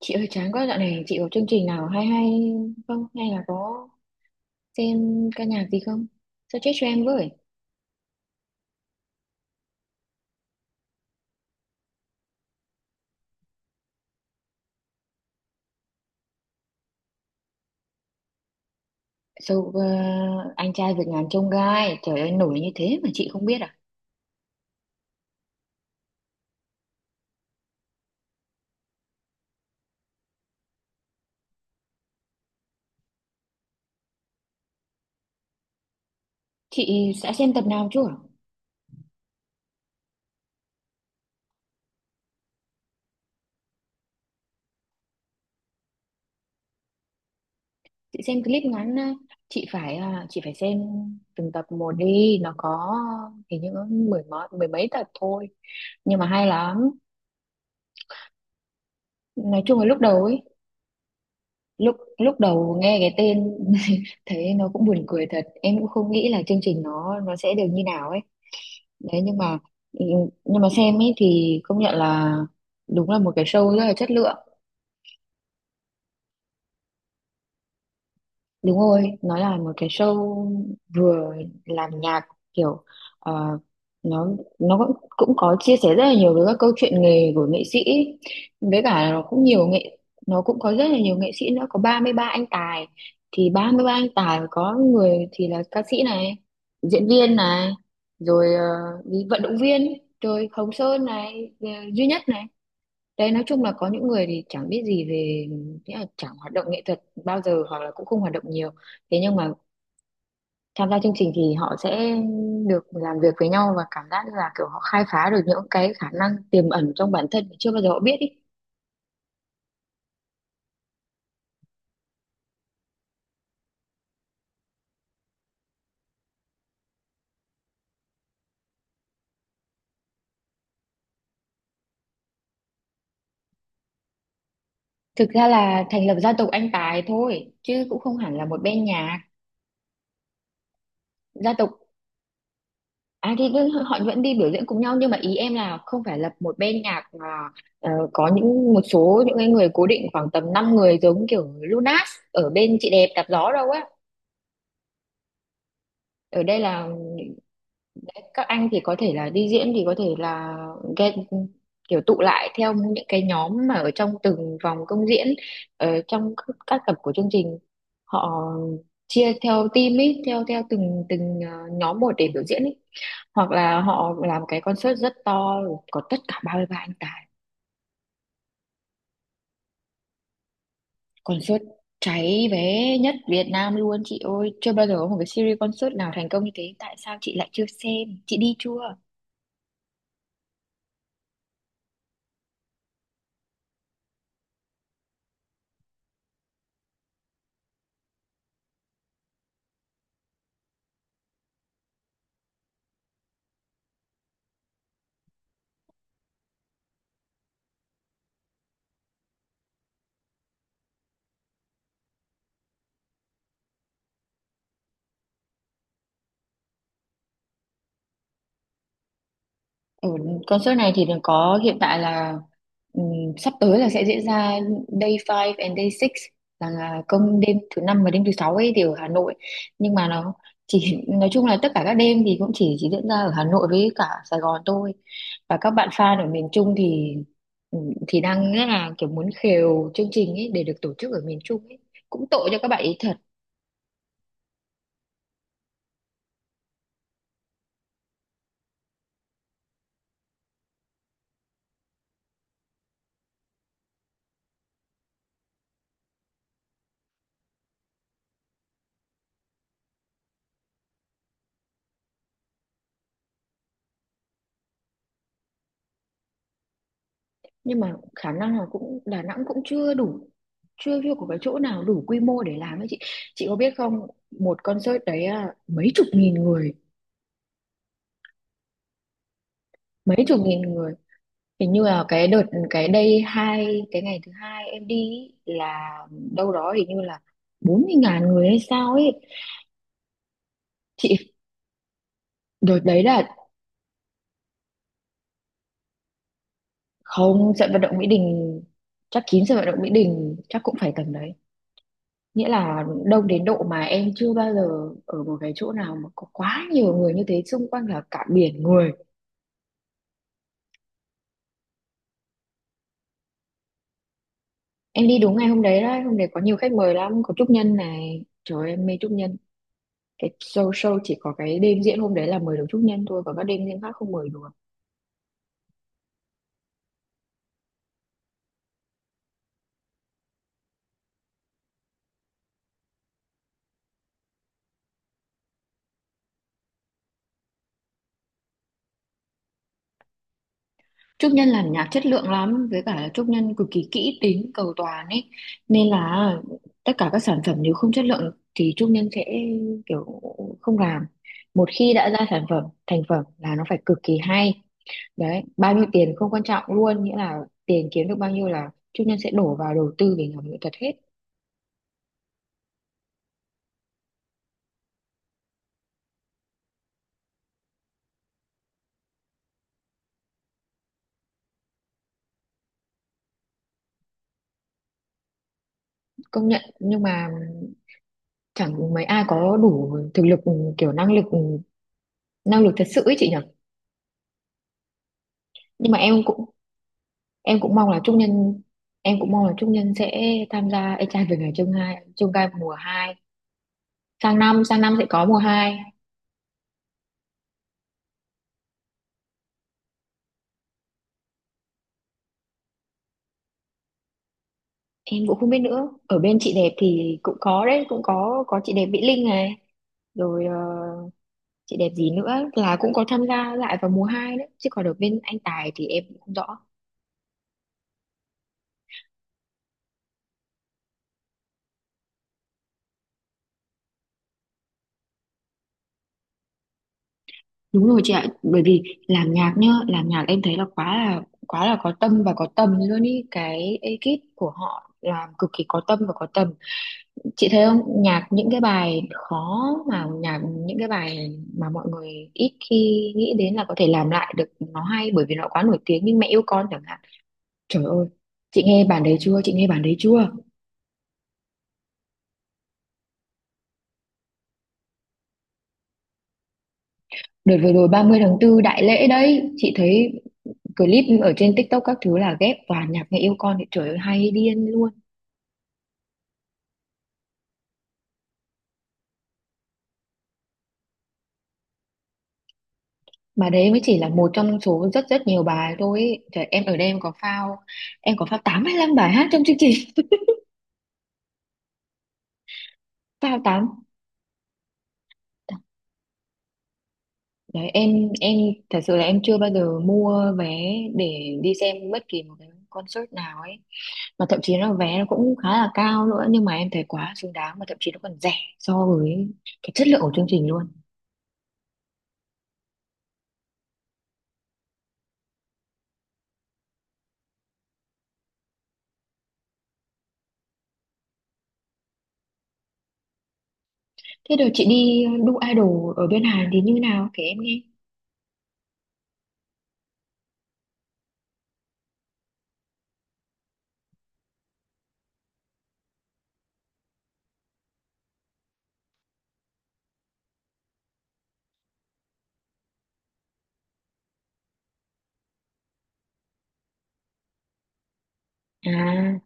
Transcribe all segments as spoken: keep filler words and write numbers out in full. Chị ơi, chán quá. Dạo này chị có chương trình nào hay hay không, hay là có xem ca nhạc gì không? Sao, chết cho em với. so, ờ, anh trai vượt ngàn chông gai, trời ơi, nổi như thế mà chị không biết à? Chị sẽ xem tập nào chưa? Chị xem clip ngắn. ờ, chị phải à, chị phải xem từng tập một đi, nó có, hình như có mười mấy mười mấy tập thôi nhưng mà hay lắm. Nói chung là lúc đầu ấy, lúc lúc đầu nghe cái tên thấy nó cũng buồn cười thật, em cũng không nghĩ là chương trình nó nó sẽ được như nào ấy. Đấy, nhưng mà, ừ, nhưng mà xem ấy thì công nhận là đúng là một cái show rất là chất lượng. Đúng rồi, nó là một cái show vừa làm nhạc, kiểu, ờ, nó nó cũng cũng có chia sẻ rất là nhiều với các câu chuyện nghề của nghệ sĩ, với cả là nó cũng nhiều nghệ nó cũng có rất là nhiều nghệ sĩ nữa, có ba mươi ba anh tài. Thì ba mươi ba anh tài có người thì là ca sĩ này, diễn viên này, rồi ờ, đi vận động viên, rồi Hồng Sơn này, ờ, duy nhất này. Đấy, nói chung là có những người thì chẳng biết gì về nghĩa là chẳng hoạt động nghệ thuật bao giờ, hoặc là cũng không hoạt động nhiều. Thế nhưng mà tham gia chương trình thì họ sẽ được làm việc với nhau, và cảm giác như là kiểu họ khai phá được những cái khả năng tiềm ẩn trong bản thân mà chưa bao giờ họ biết ý. Thực ra là thành lập gia tộc Anh Tài thôi chứ cũng không hẳn là một bên nhạc. Gia tộc. À thì cứ- họ vẫn đi biểu diễn cùng nhau, nhưng mà ý em là không phải là một bên nhạc mà, ờ, có những một số những cái người cố định khoảng tầm năm người, giống kiểu Lunas ở bên chị đẹp đạp gió đâu á. Ở đây là các anh thì có thể là đi diễn, thì có thể là get, kiểu tụ lại theo những cái nhóm mà ở trong từng vòng công diễn, ở trong các các tập của chương trình, họ chia theo team ấy, theo theo từng từng ờ, nhóm một để biểu diễn ấy. Hoặc là họ làm cái concert rất to, có tất cả ba mươi ba anh tài. Concert cháy vé nhất Việt Nam luôn chị ơi, chưa bao giờ có một cái series concert nào thành công như thế. Tại sao chị lại chưa xem? Chị đi chưa? Ừ, concert này thì đừng có, hiện tại là, ừm, sắp tới là sẽ diễn ra day five and day six, là là công đêm thứ năm và đêm thứ sáu ấy, thì ở Hà Nội. Nhưng mà nó chỉ, nói chung là tất cả các đêm thì cũng chỉ chỉ diễn ra ở Hà Nội với cả Sài Gòn thôi, và các bạn fan ở miền Trung thì, ừm, thì đang rất là kiểu muốn khều chương trình ấy để được tổ chức ở miền Trung ấy, cũng tội cho các bạn ấy thật. Nhưng mà khả năng là cũng Đà Nẵng cũng chưa đủ, chưa chưa có cái chỗ nào đủ quy mô để làm ấy chị. Chị có biết không, một concert đấy à, mấy chục nghìn người. Mấy chục nghìn người. Hình như là cái đợt, cái đây hai cái ngày thứ hai em đi ý, là đâu đó hình như là bốn mươi ngàn người hay sao ấy chị. Đợt đấy là, không, sân vận động Mỹ Đình. Chắc kín sân vận động Mỹ Đình chắc cũng phải tầm đấy, nghĩa là đông đến độ mà em chưa bao giờ ở một cái chỗ nào mà có quá nhiều người như thế, xung quanh là cả biển người. Em đi đúng ngày hôm đấy đấy, hôm đấy có nhiều khách mời lắm, có Trúc Nhân này, trời ơi, em mê Trúc Nhân. Cái show show chỉ có cái đêm diễn hôm đấy là mời được Trúc Nhân thôi, còn các đêm diễn khác không mời được. Trúc Nhân làm nhạc chất lượng lắm, với cả là Trúc Nhân cực kỳ kỹ tính cầu toàn ấy, nên là tất cả các sản phẩm nếu không chất lượng thì Trúc Nhân sẽ kiểu không làm. Một khi đã ra sản phẩm thành phẩm là nó phải cực kỳ hay. Đấy, bao nhiêu tiền không quan trọng luôn, nghĩa là tiền kiếm được bao nhiêu là Trúc Nhân sẽ đổ vào đầu tư để làm nghệ thuật hết. Công nhận, nhưng mà chẳng mấy ai có đủ thực lực, kiểu năng lực, năng lực thật sự ấy chị nhỉ. Nhưng mà em cũng, em cũng mong là Trúc Nhân, em cũng mong là Trúc Nhân sẽ tham gia Ê trai về ngày chương hai chương gai mùa hai. Sang năm sang năm sẽ có mùa hai. Em cũng không biết nữa, ở bên chị đẹp thì cũng có đấy, cũng có có chị đẹp Mỹ Linh này, rồi ờ, chị đẹp gì nữa, là cũng có tham gia lại vào mùa hai đấy, chứ còn ở bên anh Tài thì em cũng không rõ. Đúng rồi chị ạ, bởi vì làm nhạc nhá, làm nhạc em thấy là quá là quá là có tâm và có tầm luôn ý, cái ekip của họ làm cực kỳ có tâm và có tầm. Chị thấy không, nhạc những cái bài khó mà nhạc những cái bài mà mọi người ít khi nghĩ đến là có thể làm lại được nó hay, bởi vì nó quá nổi tiếng, như Mẹ yêu con chẳng hạn. Trời ơi, chị nghe bản đấy chưa? Chị nghe bản đấy chưa? Đợt vừa rồi ba mươi tháng tư đại lễ đấy, chị thấy clip ở trên TikTok các thứ là ghép toàn nhạc Mẹ yêu con thì trời ơi hay điên luôn. Mà đấy mới chỉ là một trong số rất rất nhiều bài thôi ý. Trời, em ở đây em có phao, em có phao, tám hay năm bài hát trong chương trình. Phao tám. Đấy, em em thật sự là em chưa bao giờ mua vé để đi xem bất kỳ một cái concert nào ấy, mà thậm chí là vé nó cũng khá là cao nữa, nhưng mà em thấy quá xứng đáng, mà thậm chí nó còn rẻ so với cái chất lượng của chương trình luôn. Thế rồi chị đi đu idol ở bên Hàn thì như nào, kể em nghe. À,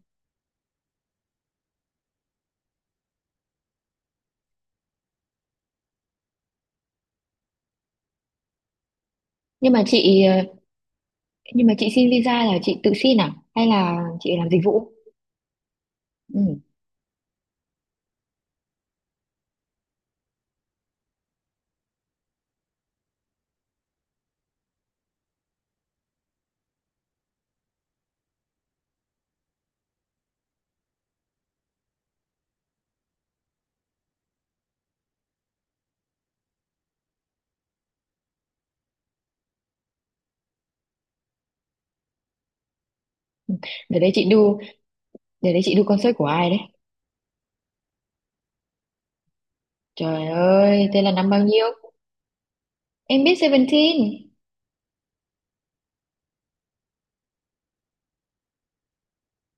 nhưng mà chị ờ, nhưng mà chị xin visa là chị tự xin à hay là chị làm dịch vụ? Ừ. để đấy chị đu để đấy chị đu concert của ai đấy? Trời ơi, thế là năm bao nhiêu? Em biết Seventeen.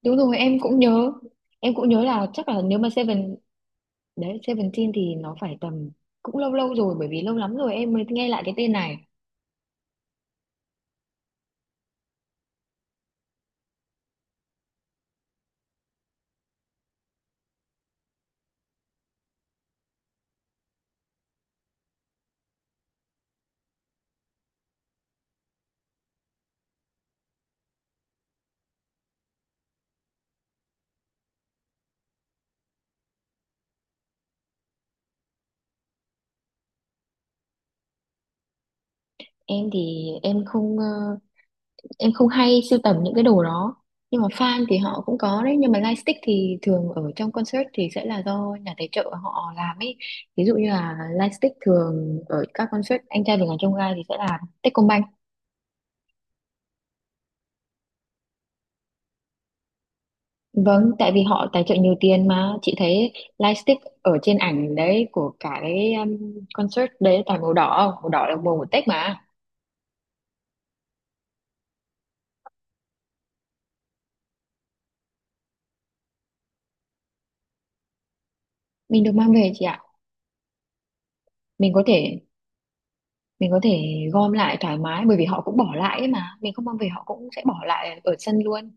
Đúng rồi, em cũng nhớ. Em cũng nhớ là chắc là nếu mà Seven đấy, Seventeen thì nó phải tầm, cũng lâu lâu rồi, bởi vì lâu lắm rồi em mới nghe lại cái tên này. Em thì em không, ờ, em không hay sưu tầm những cái đồ đó. Nhưng mà fan thì họ cũng có đấy, nhưng mà lightstick thì thường ở trong concert thì sẽ là do nhà tài trợ họ làm ấy. Ví dụ như là lightstick thường ở các concert Anh trai vượt ngàn chông gai thì sẽ là Techcombank. Vâng, tại vì họ tài trợ nhiều tiền mà chị thấy, lightstick ở trên ảnh đấy của cả cái um, concert đấy toàn màu đỏ, màu đỏ là màu của Tết mà. Mình được mang về chị ạ. Mình có thể, mình có thể gom lại thoải mái bởi vì họ cũng bỏ lại ấy mà, mình không mang về họ cũng sẽ bỏ lại ở sân luôn.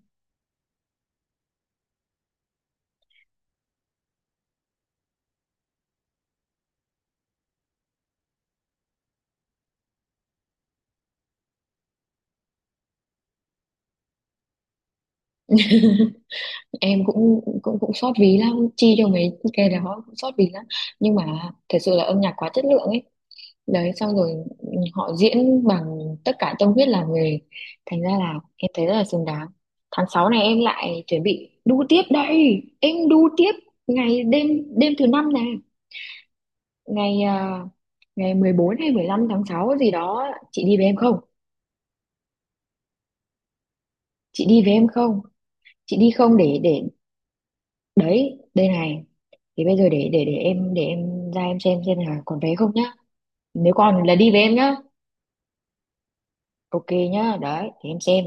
Em cũng cũng cũng xót ví lắm, chi cho mấy cái đó cũng xót ví lắm. Nhưng mà thật sự là âm nhạc quá chất lượng ấy. Đấy, xong rồi, ừ, họ diễn bằng tất cả tâm huyết làm nghề, thành ra là em thấy rất là xứng đáng. Tháng sáu này em lại chuẩn bị đu tiếp đây, em đu tiếp ngày đêm, đêm thứ năm này, ngày à, ngày mười bốn hay mười lăm tháng sáu gì đó, chị đi với em không? chị đi với em không chị đi không, để để đấy, đây này, thì bây giờ để để để em để em ra em xem xem là còn vé không nhá, nếu còn là đi với em nhá. Ok nhá, đấy thì em xem.